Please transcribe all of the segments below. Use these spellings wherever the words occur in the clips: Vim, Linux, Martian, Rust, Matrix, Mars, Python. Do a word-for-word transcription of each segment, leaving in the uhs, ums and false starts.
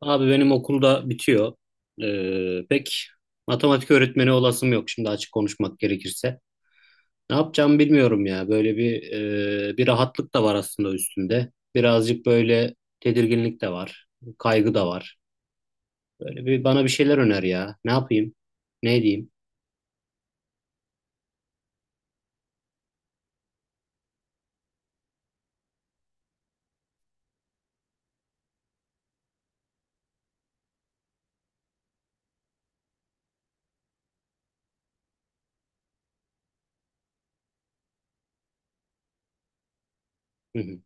Abi benim okulda bitiyor. Ee, pek matematik öğretmeni olasım yok şimdi açık konuşmak gerekirse. Ne yapacağımı bilmiyorum ya. Böyle bir e, bir rahatlık da var aslında üstünde. Birazcık böyle tedirginlik de var. Kaygı da var. Böyle bir bana bir şeyler öner ya. Ne yapayım? Ne edeyim? Hı hı.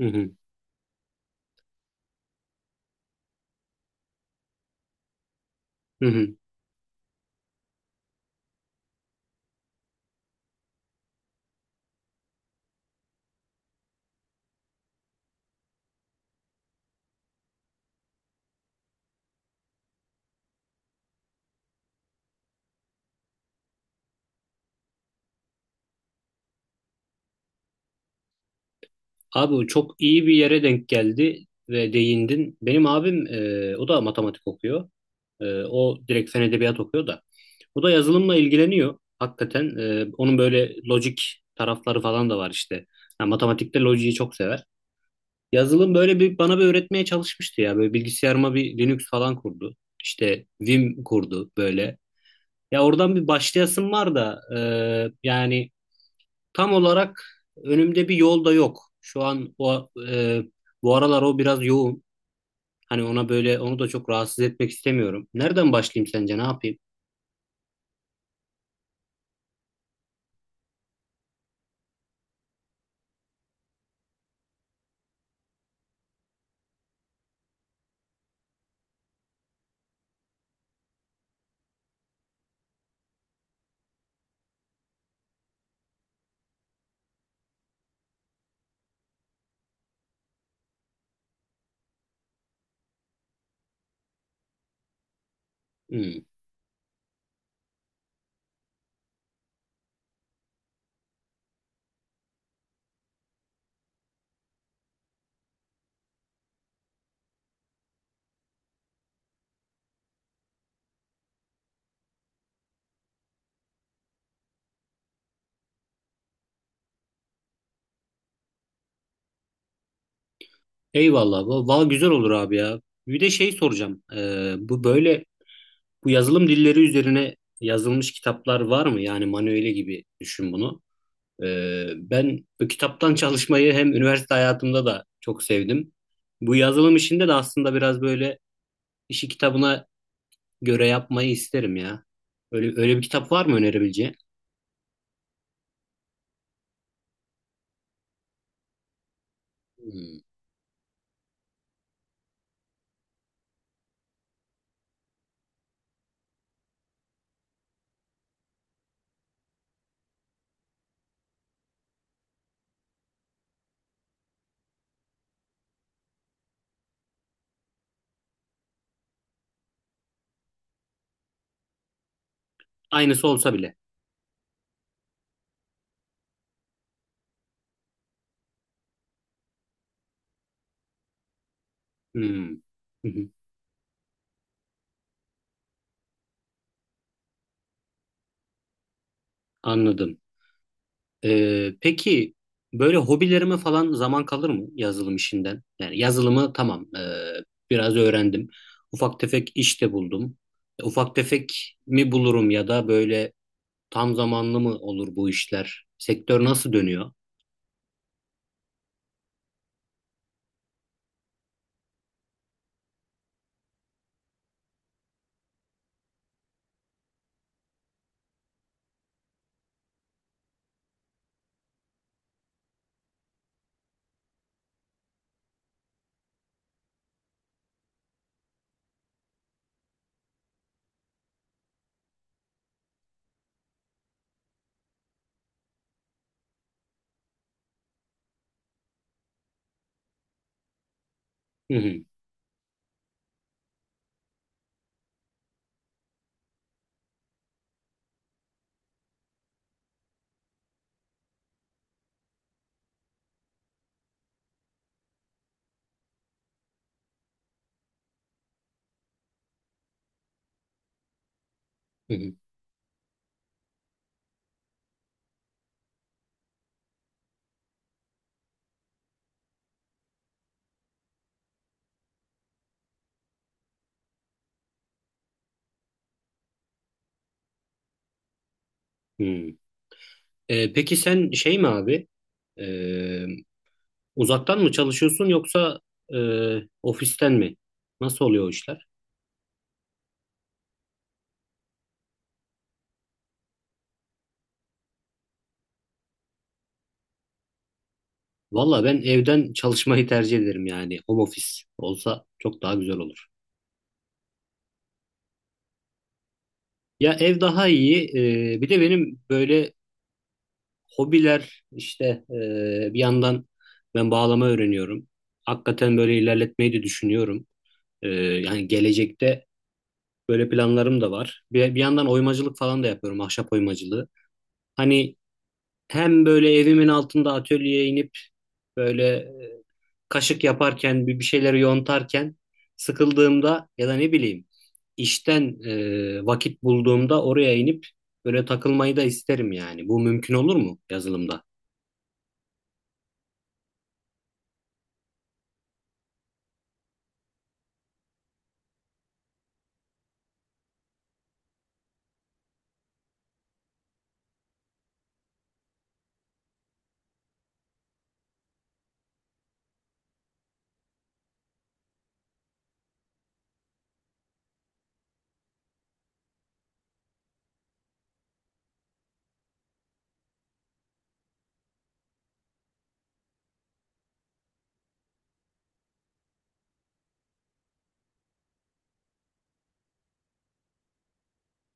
Hı hı. Hı hı. Abi bu çok iyi bir yere denk geldi ve değindin. Benim abim e, o da matematik okuyor. E, o direkt fen edebiyat okuyor da. O da yazılımla ilgileniyor. Hakikaten e, onun böyle lojik tarafları falan da var işte. Yani matematikte lojiyi çok sever. Yazılım böyle bir bana bir öğretmeye çalışmıştı ya. Böyle bilgisayarıma bir Linux falan kurdu. İşte Vim kurdu böyle. Ya oradan bir başlayasım var da e, yani tam olarak önümde bir yol da yok. Şu an o e, bu aralar o biraz yoğun. Hani ona böyle onu da çok rahatsız etmek istemiyorum. Nereden başlayayım sence? Ne yapayım? Hmm. Eyvallah. Va- Valla güzel olur abi ya. Bir de şey soracağım. E, bu böyle bu yazılım dilleri üzerine yazılmış kitaplar var mı? Yani manueli gibi düşün bunu. E, Ben bu kitaptan çalışmayı hem üniversite hayatımda da çok sevdim. Bu yazılım işinde de aslında biraz böyle işi kitabına göre yapmayı isterim ya. Öyle, öyle bir kitap var mı önerebileceğin? Hmm. Aynısı olsa bile. Hmm. Hı hı. Anladım. Ee, peki böyle hobilerime falan zaman kalır mı yazılım işinden? Yani yazılımı tamam, ee, biraz öğrendim. Ufak tefek iş de buldum. E, Ufak tefek mi bulurum ya da böyle tam zamanlı mı olur bu işler? Sektör nasıl dönüyor? Hı hı. Hı hı. Hı. Ee, peki sen şey mi abi? E, Uzaktan mı çalışıyorsun yoksa e, ofisten mi? Nasıl oluyor o işler? Valla ben evden çalışmayı tercih ederim yani. Home office olsa çok daha güzel olur. Ya ev daha iyi. E, bir de benim böyle hobiler işte, e, bir yandan ben bağlama öğreniyorum. Hakikaten böyle ilerletmeyi de düşünüyorum. E, yani gelecekte böyle planlarım da var. Bir, bir yandan oymacılık falan da yapıyorum. Ahşap oymacılığı. Hani hem böyle evimin altında atölyeye inip böyle, e, kaşık yaparken bir bir şeyleri yontarken sıkıldığımda ya da ne bileyim işten e, vakit bulduğumda oraya inip böyle takılmayı da isterim yani. Bu mümkün olur mu yazılımda?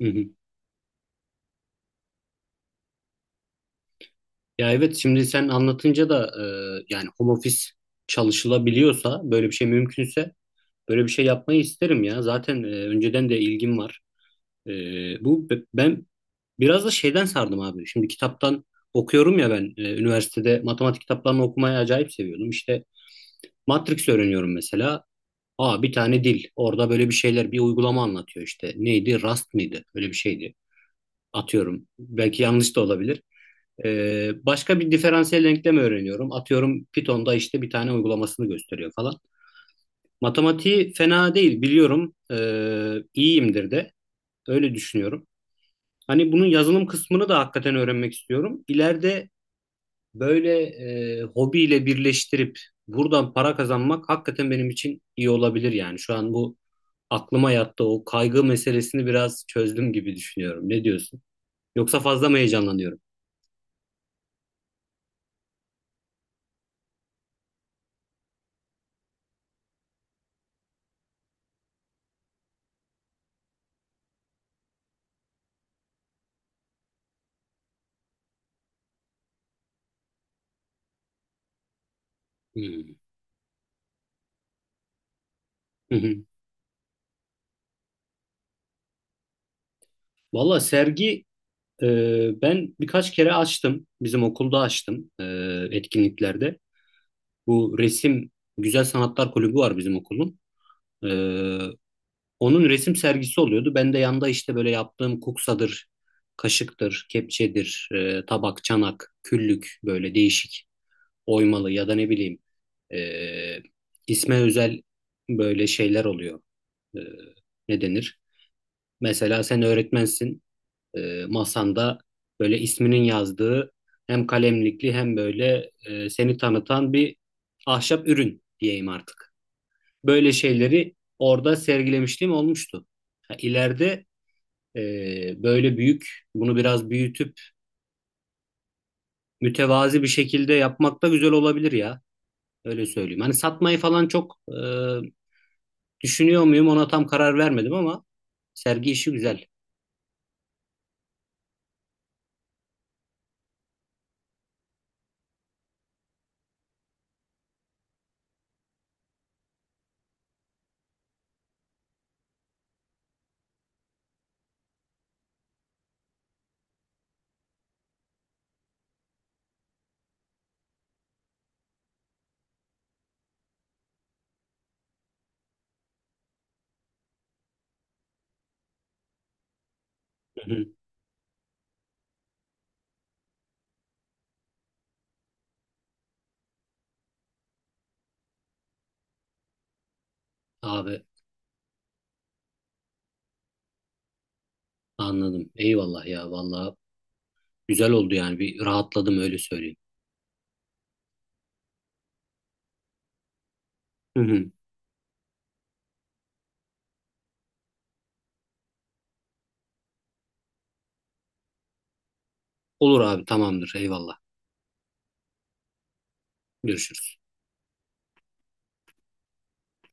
Hı hı. Ya evet, şimdi sen anlatınca da e, yani home office çalışılabiliyorsa, böyle bir şey mümkünse böyle bir şey yapmayı isterim ya. Zaten e, önceden de ilgim var. E, bu be- Ben biraz da şeyden sardım abi. Şimdi kitaptan okuyorum ya ben, e, üniversitede matematik kitaplarını okumayı acayip seviyordum. İşte Matrix öğreniyorum mesela. Aa, bir tane dil. Orada böyle bir şeyler, bir uygulama anlatıyor işte. Neydi? Rust mıydı? Öyle bir şeydi. Atıyorum. Belki yanlış da olabilir. Ee, başka bir diferansiyel denklem öğreniyorum. Atıyorum Python'da işte bir tane uygulamasını gösteriyor falan. Matematiği fena değil biliyorum. Ee, iyiyimdir de. Öyle düşünüyorum. Hani bunun yazılım kısmını da hakikaten öğrenmek istiyorum. İleride böyle e, hobiyle birleştirip buradan para kazanmak hakikaten benim için iyi olabilir yani. Şu an bu aklıma yattı, o kaygı meselesini biraz çözdüm gibi düşünüyorum. Ne diyorsun? Yoksa fazla mı heyecanlanıyorum? Hmm. Valla sergi, e, ben birkaç kere açtım. Bizim okulda açtım, e, etkinliklerde. Bu resim, Güzel Sanatlar Kulübü var bizim okulun. E, Onun resim sergisi oluyordu. Ben de yanda işte böyle yaptığım kuksadır, kaşıktır, kepçedir, e, tabak, çanak, küllük, böyle değişik oymalı ya da ne bileyim e, isme özel böyle şeyler oluyor. E, Ne denir? Mesela sen öğretmensin. E, masanda böyle isminin yazdığı hem kalemlikli hem böyle, e, seni tanıtan bir ahşap ürün diyeyim artık. Böyle şeyleri orada sergilemişliğim olmuştu. Ha, İleride ee, böyle büyük, bunu biraz büyütüp mütevazi bir şekilde yapmak da güzel olabilir ya. Öyle söyleyeyim. Hani satmayı falan çok e, düşünüyor muyum ona tam karar vermedim ama sergi işi güzel. Hı hı. Abi anladım. Eyvallah ya, vallahi güzel oldu yani, bir rahatladım öyle söyleyeyim. Hı hı. Olur abi, tamamdır, eyvallah. Görüşürüz.